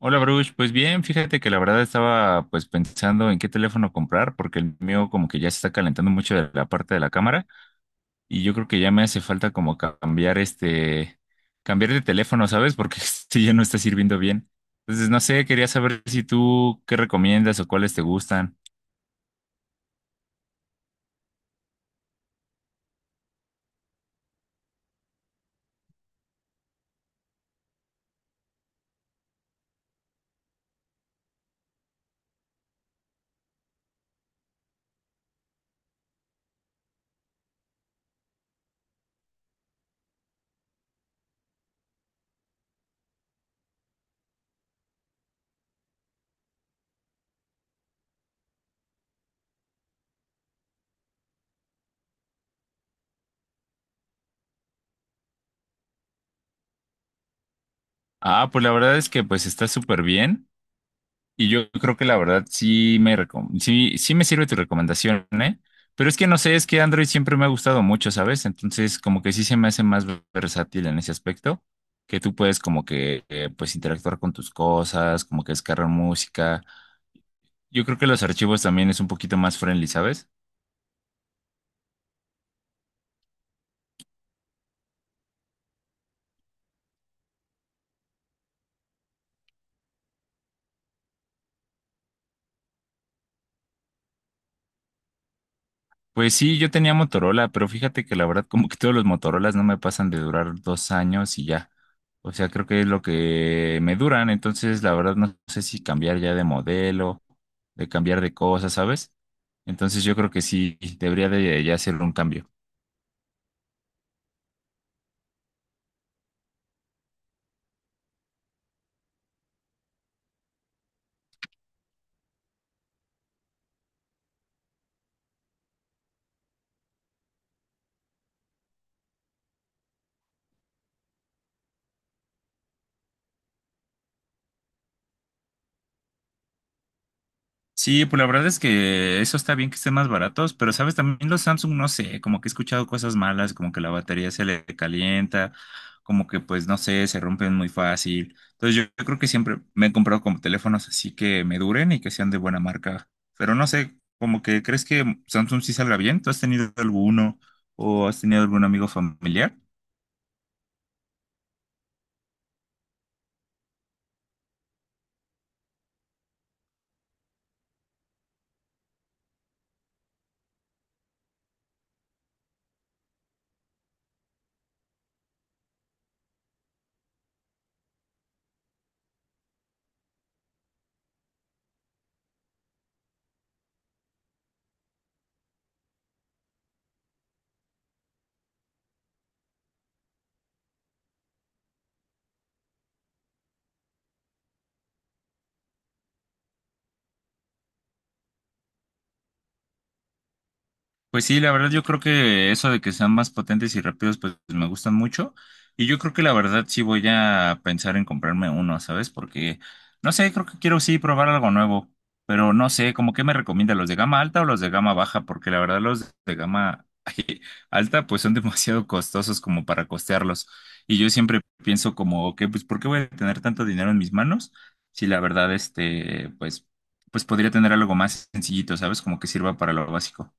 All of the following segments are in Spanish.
Hola Bruce, pues bien, fíjate que la verdad estaba pues pensando en qué teléfono comprar porque el mío como que ya se está calentando mucho de la parte de la cámara y yo creo que ya me hace falta como cambiar cambiar de teléfono, ¿sabes? Porque este ya no está sirviendo bien. Entonces, no sé, quería saber si tú qué recomiendas o cuáles te gustan. Ah, pues la verdad es que pues está súper bien. Y yo creo que la verdad sí, sí me sirve tu recomendación, ¿eh? Pero es que no sé, es que Android siempre me ha gustado mucho, ¿sabes? Entonces, como que sí se me hace más versátil en ese aspecto, que tú puedes como que, pues, interactuar con tus cosas, como que descargar música. Yo creo que los archivos también es un poquito más friendly, ¿sabes? Pues sí, yo tenía Motorola, pero fíjate que la verdad como que todos los Motorolas no me pasan de durar 2 años y ya. O sea, creo que es lo que me duran, entonces la verdad no sé si cambiar ya de modelo, de cambiar de cosas, ¿sabes? Entonces yo creo que sí, debería de ya hacer un cambio. Sí, pues la verdad es que eso está bien que estén más baratos, pero sabes, también los Samsung, no sé, como que he escuchado cosas malas, como que la batería se le calienta, como que pues no sé, se rompen muy fácil. Entonces yo creo que siempre me he comprado como teléfonos así que me duren y que sean de buena marca. Pero no sé, como que crees que Samsung sí salga bien. ¿Tú has tenido alguno o has tenido algún amigo familiar? Pues sí, la verdad yo creo que eso de que sean más potentes y rápidos, pues me gustan mucho. Y yo creo que la verdad sí voy a pensar en comprarme uno, ¿sabes? Porque, no sé, creo que quiero sí probar algo nuevo, pero no sé, como que me recomienda los de gama alta o los de gama baja, porque la verdad los de gama alta pues son demasiado costosos como para costearlos. Y yo siempre pienso como que, pues, ¿por qué voy a tener tanto dinero en mis manos? Si la verdad, este, pues, pues podría tener algo más sencillito, ¿sabes? Como que sirva para lo básico.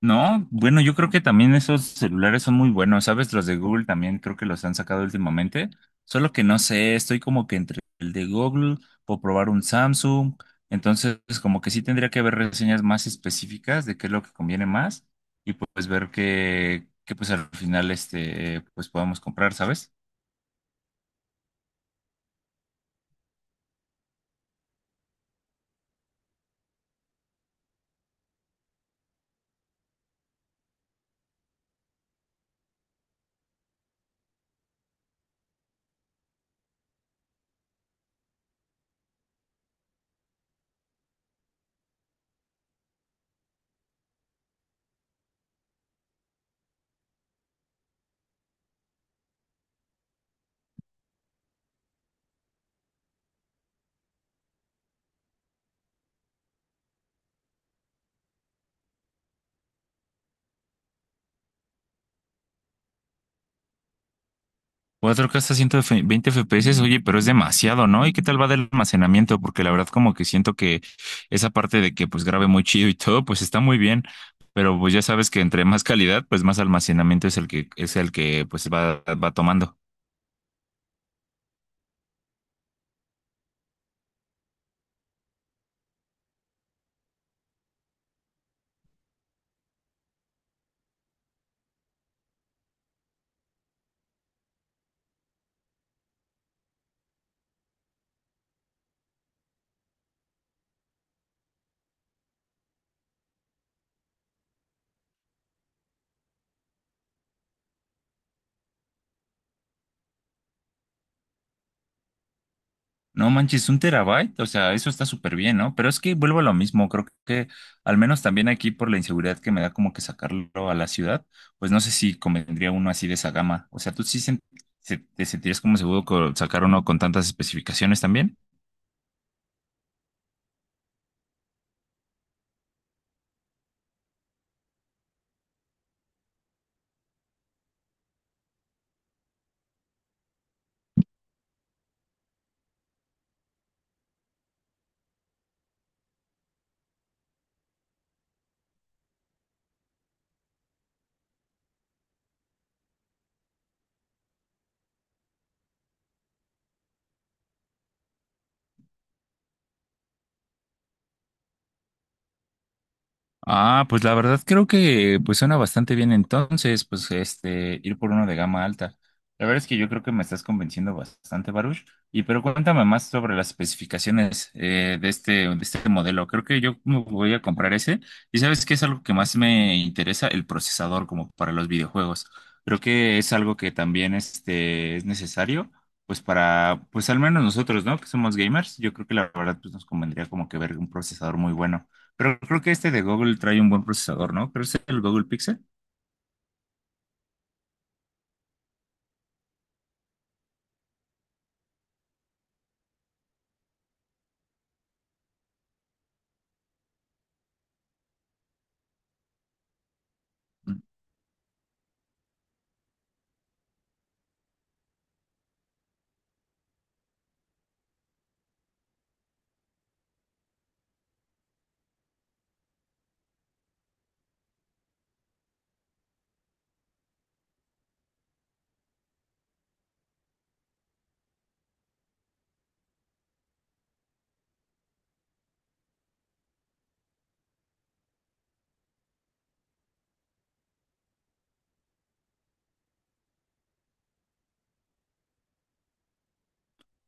No, bueno, yo creo que también esos celulares son muy buenos, ¿sabes? Los de Google también creo que los han sacado últimamente, solo que no sé, estoy como que entre el de Google o probar un Samsung, entonces como que sí tendría que haber reseñas más específicas de qué es lo que conviene más y pues ver que pues al final este, pues podamos comprar, ¿sabes? 4K hasta 120 FPS, oye, pero es demasiado, ¿no? ¿Y qué tal va del almacenamiento? Porque la verdad como que siento que esa parte de que pues grabe muy chido y todo, pues está muy bien, pero pues ya sabes que entre más calidad, pues más almacenamiento es el que pues va tomando. No manches, un terabyte, o sea, eso está súper bien, ¿no? Pero es que vuelvo a lo mismo, creo que al menos también aquí por la inseguridad que me da como que sacarlo a la ciudad, pues no sé si convendría uno así de esa gama. O sea, ¿tú te sentirías como seguro con sacar uno con tantas especificaciones también? Ah, pues la verdad creo que pues suena bastante bien entonces, pues este, ir por uno de gama alta. La verdad es que yo creo que me estás convenciendo bastante, Baruch. Y pero cuéntame más sobre las especificaciones de de este modelo. Creo que yo me voy a comprar ese. Y sabes que es algo que más me interesa, el procesador como para los videojuegos. Creo que es algo que también este, es necesario, pues para, pues al menos nosotros, ¿no? Que somos gamers, yo creo que la verdad pues nos convendría como que ver un procesador muy bueno. Pero creo que este de Google trae un buen procesador, ¿no? Creo que es el Google Pixel.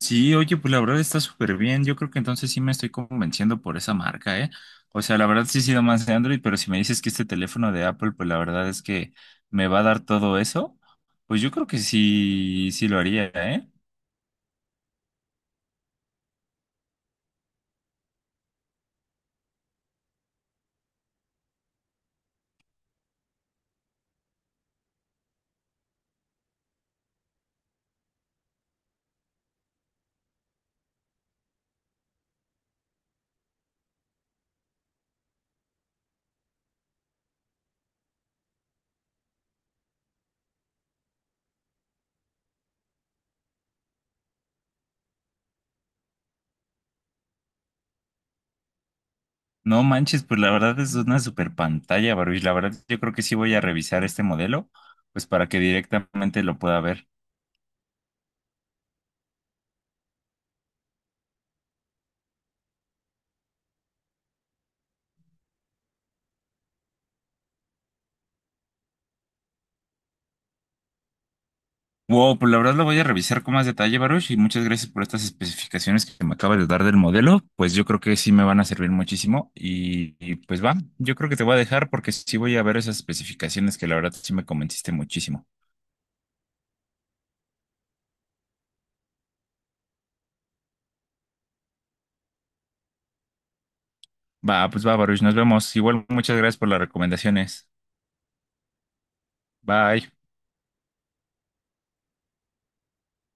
Sí, oye, pues la verdad está súper bien. Yo creo que entonces sí me estoy convenciendo por esa marca, ¿eh? O sea, la verdad sí he sido más de Android, pero si me dices que este teléfono de Apple, pues la verdad es que me va a dar todo eso, pues yo creo que sí, sí lo haría, ¿eh? No manches, pues la verdad es una super pantalla, Baruch. La verdad yo creo que sí voy a revisar este modelo, pues para que directamente lo pueda ver. Wow, pues la verdad lo voy a revisar con más detalle, Baruch, y muchas gracias por estas especificaciones que me acabas de dar del modelo. Pues yo creo que sí me van a servir muchísimo pues va, yo creo que te voy a dejar porque sí voy a ver esas especificaciones que la verdad sí me convenciste muchísimo. Va, pues va, Baruch, nos vemos. Igual muchas gracias por las recomendaciones. Bye.